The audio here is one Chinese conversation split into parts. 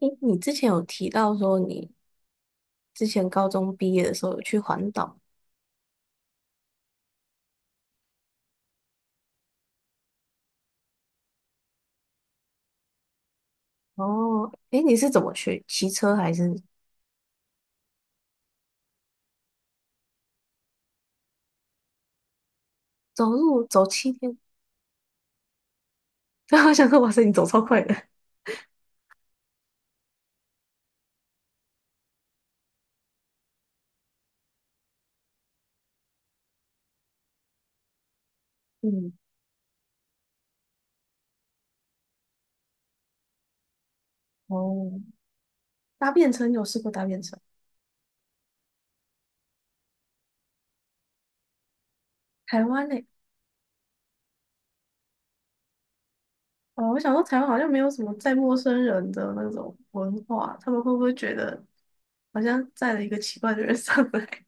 诶，你之前有提到说你之前高中毕业的时候有去环岛，哦，诶，你是怎么去？骑车还是走路走7天？我想说，哇塞，你走超快的。嗯，哦，搭便车你有试过搭便车？台湾嘞、哦，我想说台湾好像没有什么载陌生人的那种文化，他们会不会觉得好像载了一个奇怪的人上来？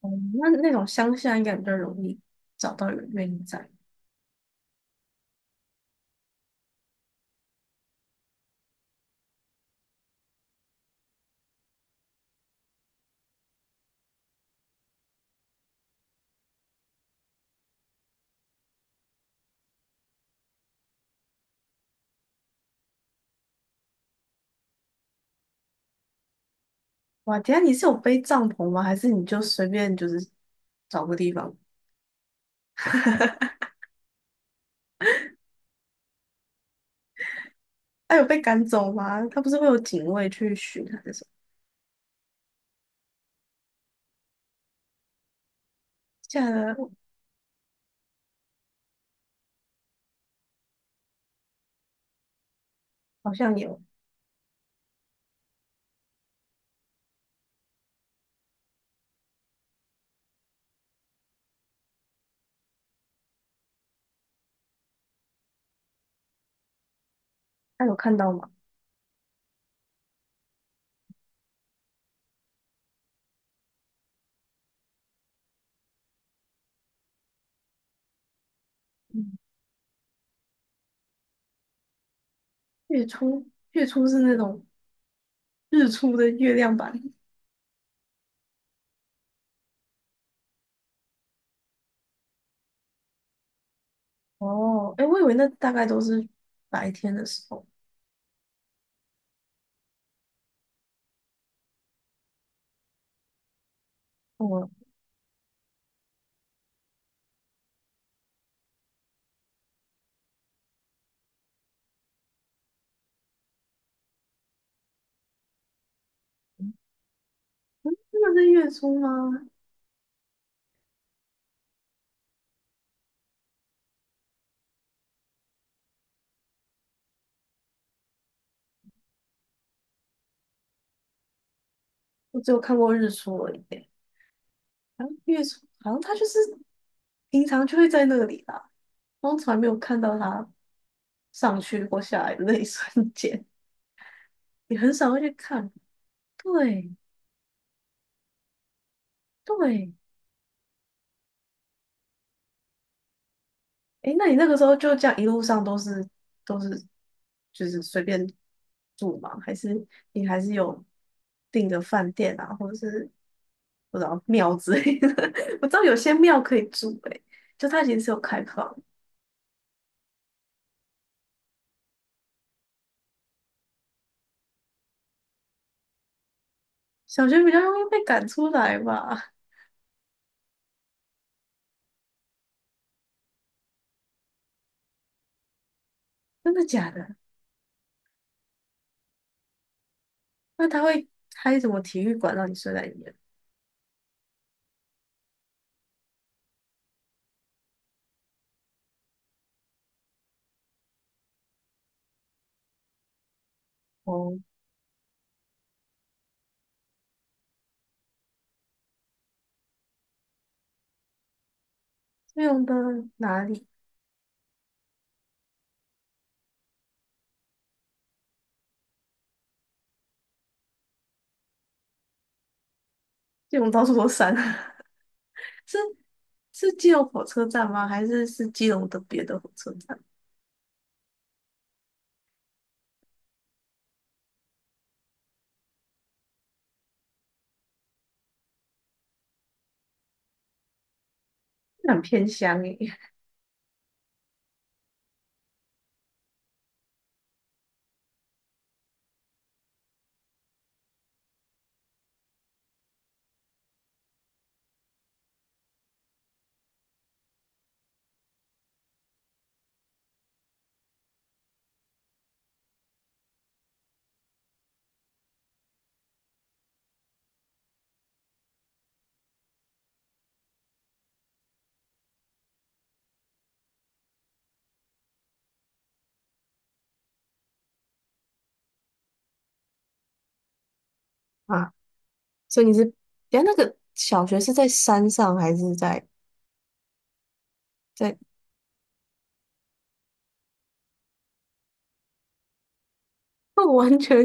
哦，那种乡下应该比较容易找到有人愿意载。哇，等一下你是有背帐篷吗？还是你就随便就是找个地方？他有被赶走吗？他不是会有警卫去巡还是什么？现在好像有，他有看到吗？嗯，月初，月初是那种日出的月亮版。哦，哎，我以为那大概都是白天的时候。哦，嗯，真的是月初吗？我只有看过日出而已耶。好像月初，好像他就是平常就会在那里啦，然后从来没有看到他上去或下来的那一 瞬间，也很少会去看。对对，诶，那你那个时候就这样一路上都是就是随便住吗？还是你还是有订的饭店啊，或者是不知道庙之类的？我知道有些庙可以住、欸诶，就它其实是有开放。小学比较容易被赶出来吧？真的假的？那他会开什么体育馆让你睡在里面？哦，基隆的哪里？基隆到处都山，是是基隆火车站吗？还是是基隆的别的火车站？那很偏乡诶。啊，所以你是，等一下那个小学是在山上还是在？那我完全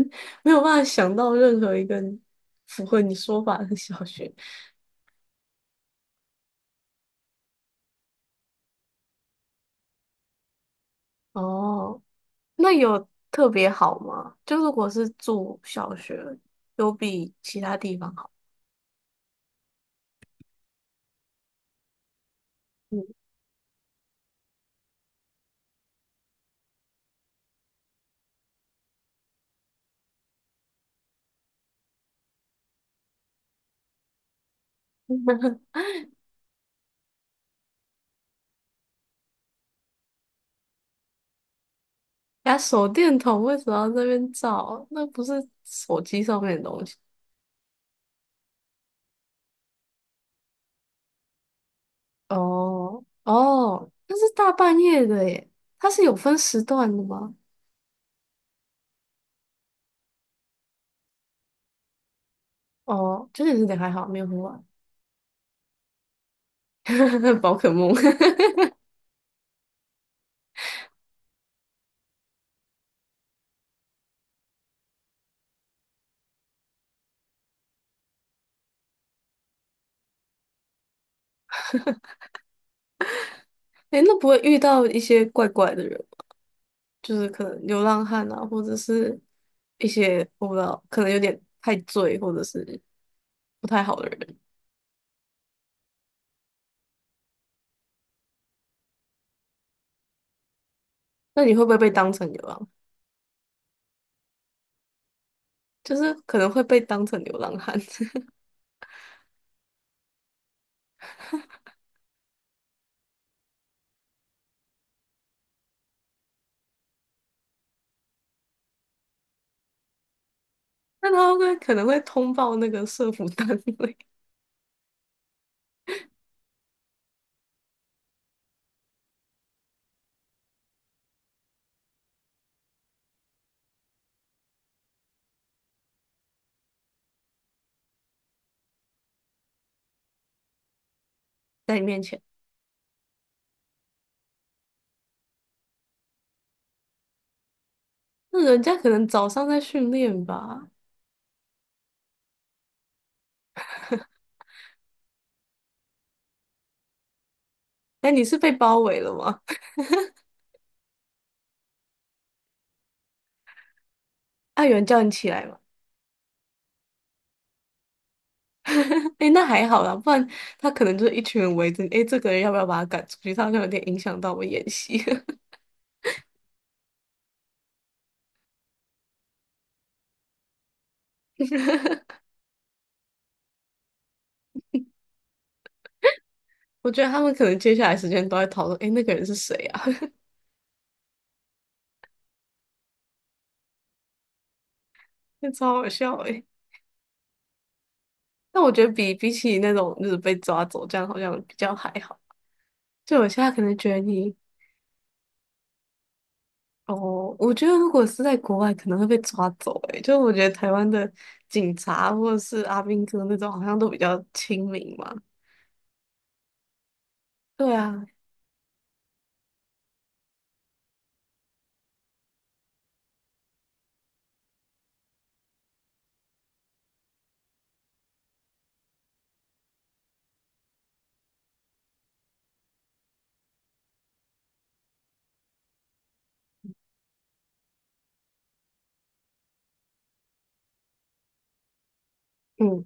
没有办法想到任何一个符合你说法的小学。哦，那有特别好吗？就如果是住小学，有比其他地方好？嗯，呀，手电筒为什么要这边照？那不是手机上面的东西。哦哦，那是大半夜的耶，它是有分时段的吗？哦，9点10点还好，没有很晚。宝可梦，哎那不会遇到一些怪怪的人吗就是可能流浪汉啊，或者是一些我不知道，可能有点太醉，或者是不太好的人。那你会不会被当成流浪？就是可能会被当成流浪汉，那他会可能会通报那个社服单位 在你面前。那人家可能早上在训练吧，哎，你是被包围了吗？啊，有人叫你起来吗？哎那还好啦，不然他可能就是一群人围着你。哎，这个人要不要把他赶出去？他好像有点影响到我演戏。我觉得他们可能接下来时间都在讨论，哎，那个人是谁啊？那超好笑哎。但我觉得比起那种就是被抓走这样，好像比较还好。就我现在可能觉得你，哦，我觉得如果是在国外，可能会被抓走哎。就我觉得台湾的警察或者是阿兵哥那种，好像都比较亲民嘛。对啊，嗯。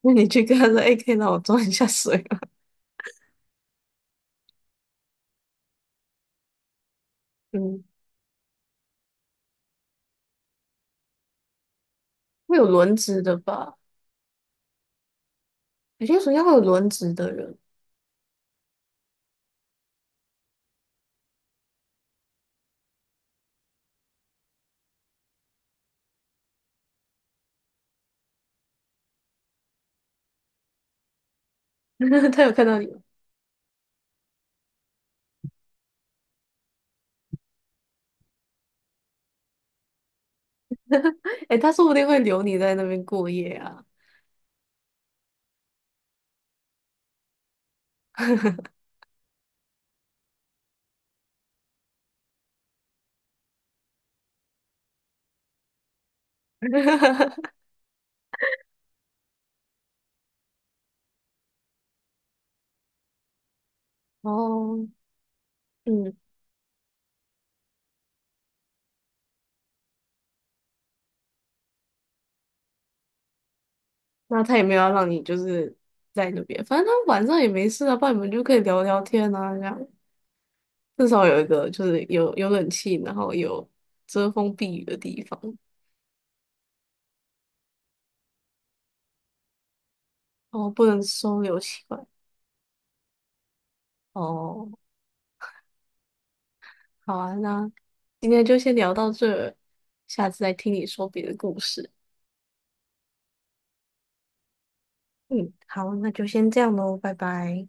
那你去跟他说：“哎，可以让我装一下水吗？”嗯，会有轮值的吧？有些暑假会有轮值的人，他有看到你吗？哎他说不定会留你在那边过夜啊。哦，嗯，那他也没有要让你就是在那边，反正他晚上也没事啊，不然你们就可以聊聊天啊，这样至少有一个就是有冷气，然后有遮风避雨的地方。哦，不能收留起来。哦，好啊，那今天就先聊到这儿下次再听你说别的故事。嗯，好，那就先这样喽，拜拜。